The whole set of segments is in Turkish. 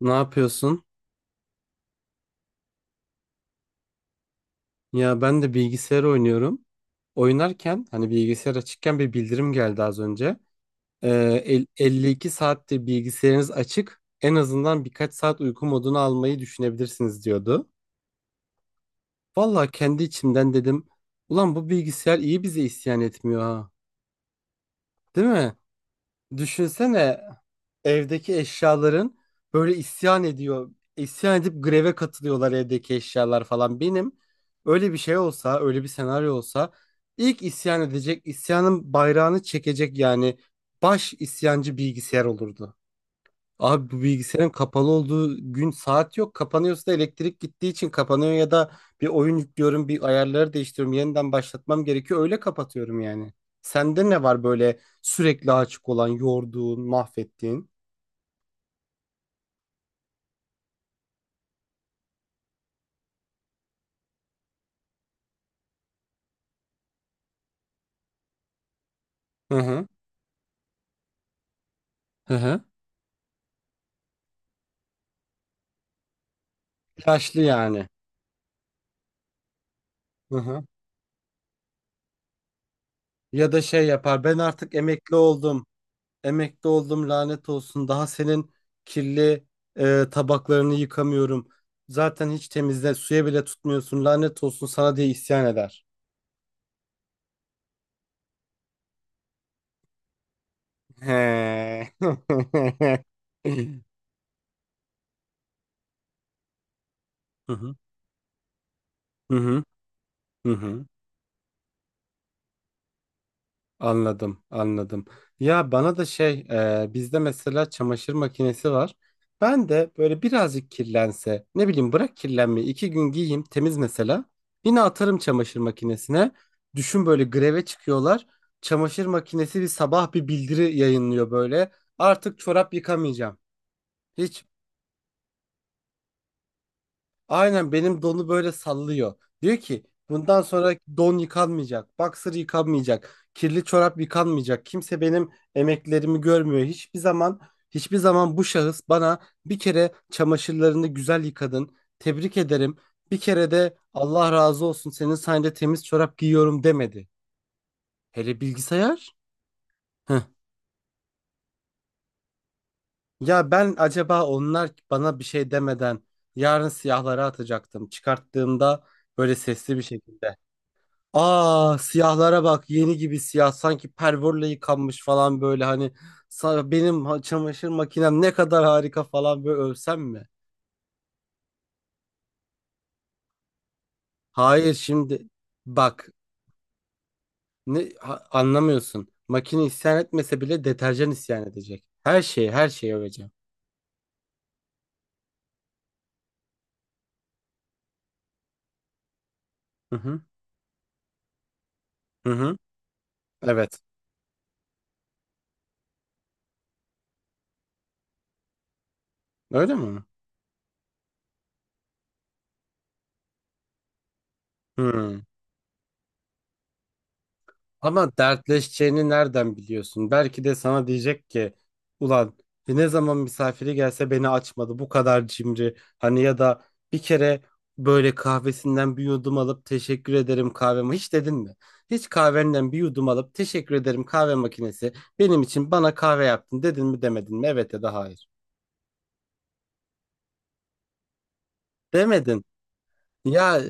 Ne yapıyorsun? Ya ben de bilgisayar oynuyorum. Oynarken hani bilgisayar açıkken bir bildirim geldi az önce. 52 saattir bilgisayarınız açık. En azından birkaç saat uyku modunu almayı düşünebilirsiniz diyordu. Vallahi kendi içimden dedim. Ulan bu bilgisayar iyi bize isyan etmiyor ha. Değil mi? Düşünsene evdeki eşyaların böyle isyan ediyor. İsyan edip greve katılıyorlar evdeki eşyalar falan. Benim öyle bir şey olsa, öyle bir senaryo olsa ilk isyan edecek, isyanın bayrağını çekecek yani baş isyancı bilgisayar olurdu. Abi bu bilgisayarın kapalı olduğu gün saat yok. Kapanıyorsa da elektrik gittiği için kapanıyor ya da bir oyun yüklüyorum, bir ayarları değiştiriyorum, yeniden başlatmam gerekiyor. Öyle kapatıyorum yani. Sende ne var böyle sürekli açık olan, yorduğun, mahvettiğin? Hı hı. Hı hı. Yaşlı yani. Hı hı. Ya da şey yapar. Ben artık emekli oldum. Emekli oldum lanet olsun. Daha senin kirli tabaklarını yıkamıyorum. Zaten hiç temizle suya bile tutmuyorsun. Lanet olsun sana diye isyan eder. He. Hı hı. Hı hı. Hı hı. Anladım, anladım. Ya bana da şey, e, Bizde mesela çamaşır makinesi var. Ben de böyle birazcık kirlense, ne bileyim bırak kirlenmeyi, iki gün giyeyim temiz mesela. Yine atarım çamaşır makinesine. Düşün böyle greve çıkıyorlar. Çamaşır makinesi bir sabah bir bildiri yayınlıyor böyle. Artık çorap yıkamayacağım. Hiç. Aynen benim donu böyle sallıyor. Diyor ki bundan sonra don yıkanmayacak, boxer yıkanmayacak, kirli çorap yıkanmayacak. Kimse benim emeklerimi görmüyor. Hiçbir zaman bu şahıs bana bir kere çamaşırlarını güzel yıkadın. Tebrik ederim. Bir kere de Allah razı olsun senin sayende temiz çorap giyiyorum demedi. Hele bilgisayar? Heh. Ya ben acaba onlar bana bir şey demeden yarın siyahlara atacaktım. Çıkarttığımda böyle sesli bir şekilde. Aa siyahlara bak yeni gibi siyah sanki pervorla yıkanmış falan böyle hani çamaşır makinem ne kadar harika falan böyle övsem mi? Hayır şimdi bak anlamıyorsun makine isyan etmese bile deterjan isyan edecek her şeyi öveceğim. Hı hı hı hı evet öyle mi? Hı. Ama dertleşeceğini nereden biliyorsun? Belki de sana diyecek ki ulan ne zaman misafiri gelse beni açmadı bu kadar cimri. Hani ya da bir kere böyle kahvesinden bir yudum alıp teşekkür ederim kahveme hiç dedin mi? Hiç kahvenden bir yudum alıp teşekkür ederim kahve makinesi benim için bana kahve yaptın dedin mi demedin mi? Evet ya da hayır. Demedin. Ya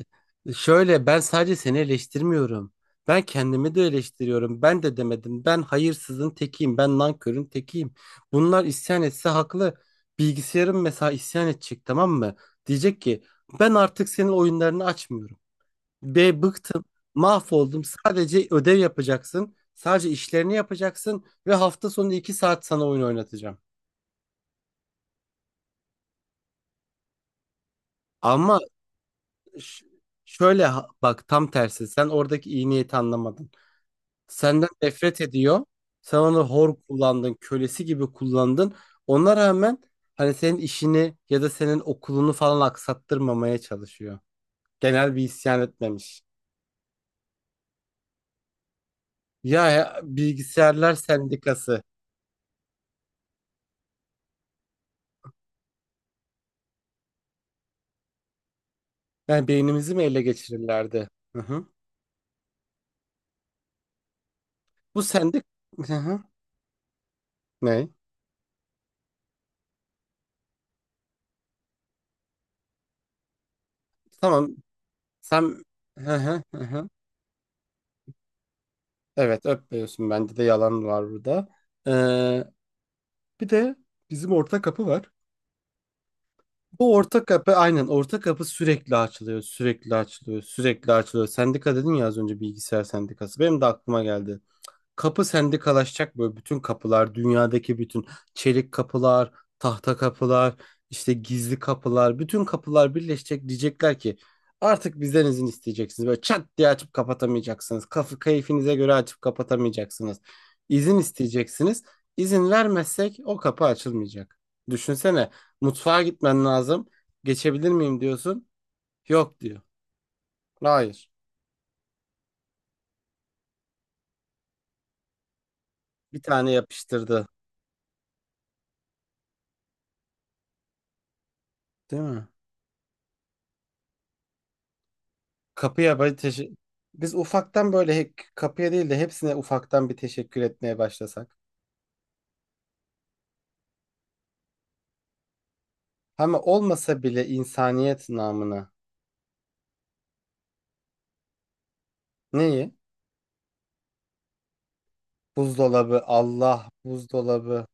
şöyle ben sadece seni eleştirmiyorum. Ben kendimi de eleştiriyorum. Ben de demedim. Ben hayırsızın tekiyim. Ben nankörün tekiyim. Bunlar isyan etse haklı. Bilgisayarım mesela isyan edecek tamam mı? Diyecek ki ben artık senin oyunlarını açmıyorum. Be bıktım. Mahvoldum. Sadece ödev yapacaksın. Sadece işlerini yapacaksın. Ve hafta sonu 2 saat sana oyun oynatacağım. Ama ş- şöyle bak tam tersi. Sen oradaki iyi niyeti anlamadın. Senden nefret ediyor. Sen onu hor kullandın, kölesi gibi kullandın. Ona rağmen hani senin işini ya da senin okulunu falan aksattırmamaya çalışıyor. Genel bir isyan etmemiş. Bilgisayarlar sendikası. Yani beynimizi mi ele geçirirlerdi? Hı hı. Bu sendik... Hı hı. Ne? Tamam. Sen... Hı hı, hı hı. Evet öpmüyorsun. Bende de yalan var burada. Ee, Bir de bizim ortak kapı var. Bu orta kapı aynen orta kapı sürekli açılıyor. Sendika dedin ya az önce bilgisayar sendikası. Benim de aklıma geldi. Kapı sendikalaşacak böyle bütün kapılar, dünyadaki bütün çelik kapılar, tahta kapılar, işte gizli kapılar, bütün kapılar birleşecek diyecekler ki artık bizden izin isteyeceksiniz. Böyle çat diye açıp kapatamayacaksınız. Kafı keyfinize göre açıp kapatamayacaksınız. İzin isteyeceksiniz. İzin vermezsek o kapı açılmayacak. Düşünsene mutfağa gitmen lazım. Geçebilir miyim diyorsun. Yok diyor. Hayır. Bir tane yapıştırdı. Değil mi? Kapıya böyle teşe- Biz ufaktan böyle kapıya değil de hepsine ufaktan bir teşekkür etmeye başlasak. Ama olmasa bile insaniyet namına. Neyi? Buzdolabı, Allah, buzdolabı.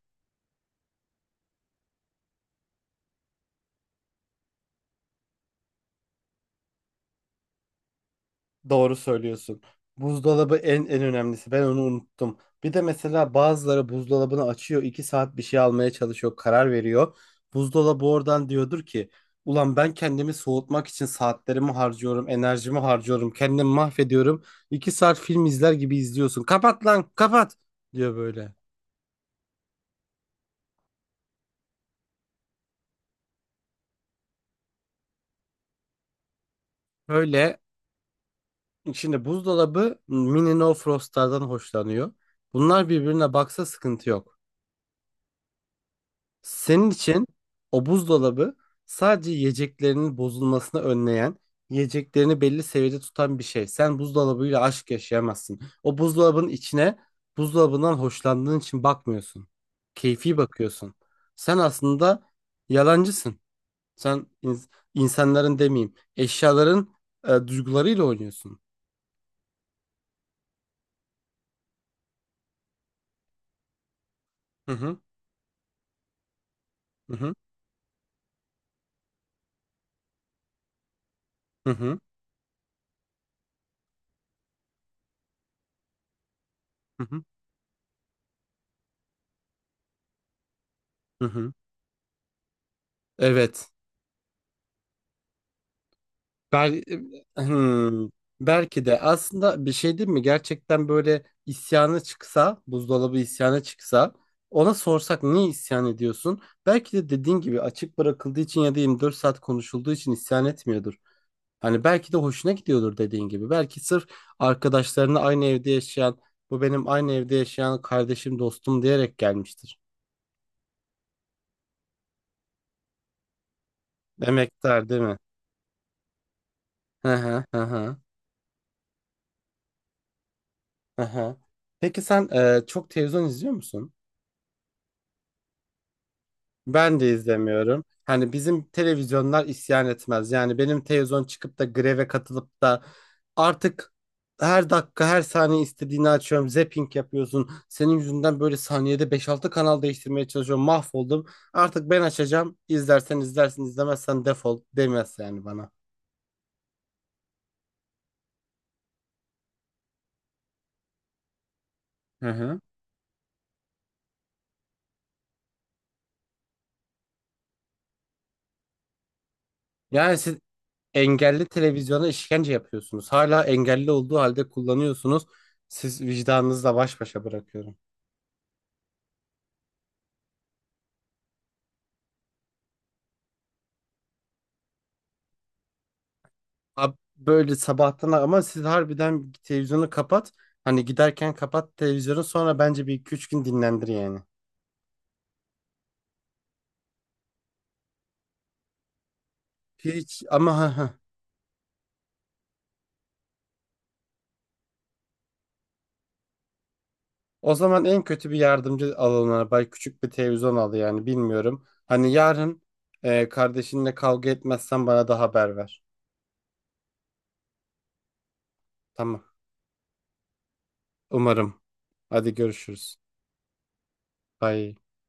Doğru söylüyorsun. Buzdolabı en önemlisi. Ben onu unuttum. Bir de mesela bazıları buzdolabını açıyor, 2 saat bir şey almaya çalışıyor, karar veriyor. Buzdolabı oradan diyordur ki, ulan ben kendimi soğutmak için saatlerimi harcıyorum, enerjimi harcıyorum, kendimi mahvediyorum. 2 saat film izler gibi izliyorsun. Kapat lan, kapat diyor böyle. Öyle. Şimdi buzdolabı mini no frostlardan hoşlanıyor. Bunlar birbirine baksa sıkıntı yok. Senin için o buzdolabı sadece yiyeceklerinin bozulmasını önleyen, yiyeceklerini belli seviyede tutan bir şey. Sen buzdolabıyla aşk yaşayamazsın. O buzdolabının içine buzdolabından hoşlandığın için bakmıyorsun. Keyfi bakıyorsun. Sen aslında yalancısın. Sen insanların demeyeyim, eşyaların duygularıyla oynuyorsun. Hı hı, hı hı, hı hı, hı hı, hı hı. Evet. Bel Hmm, Belki de aslında bir şey değil mi? Gerçekten böyle isyanı çıksa, buzdolabı isyanı çıksa, ona sorsak niye isyan ediyorsun? Belki de dediğin gibi açık bırakıldığı için ya da 24 saat konuşulduğu için isyan etmiyordur. Hani belki de hoşuna gidiyordur dediğin gibi. Belki sırf arkadaşlarını aynı evde yaşayan, bu benim aynı evde yaşayan kardeşim, dostum diyerek gelmiştir. Emektar değil mi? Hı hı hı hı. Hı hı. Peki sen çok televizyon izliyor musun? Ben de izlemiyorum. Hani bizim televizyonlar isyan etmez. Yani benim televizyon çıkıp da greve katılıp da artık her dakika her saniye istediğini açıyorum. Zapping yapıyorsun. Senin yüzünden böyle saniyede beş altı kanal değiştirmeye çalışıyorum. Mahvoldum. Artık ben açacağım. İzlersen izlersin, izlemezsen defol demez yani bana. Hı hı. Yani siz engelli televizyona işkence yapıyorsunuz. Hala engelli olduğu halde kullanıyorsunuz. Siz vicdanınızla baş başa bırakıyorum. Abi böyle sabahtan ama siz harbiden televizyonu kapat. Hani giderken kapat televizyonu sonra bence bir iki üç gün dinlendir yani. Hiç ama ha ha. O zaman en kötü bir yardımcı alanına bay küçük bir televizyon al yani bilmiyorum. Hani yarın kardeşinle kavga etmezsen bana da haber ver. Tamam. Umarım. Hadi görüşürüz. Bye.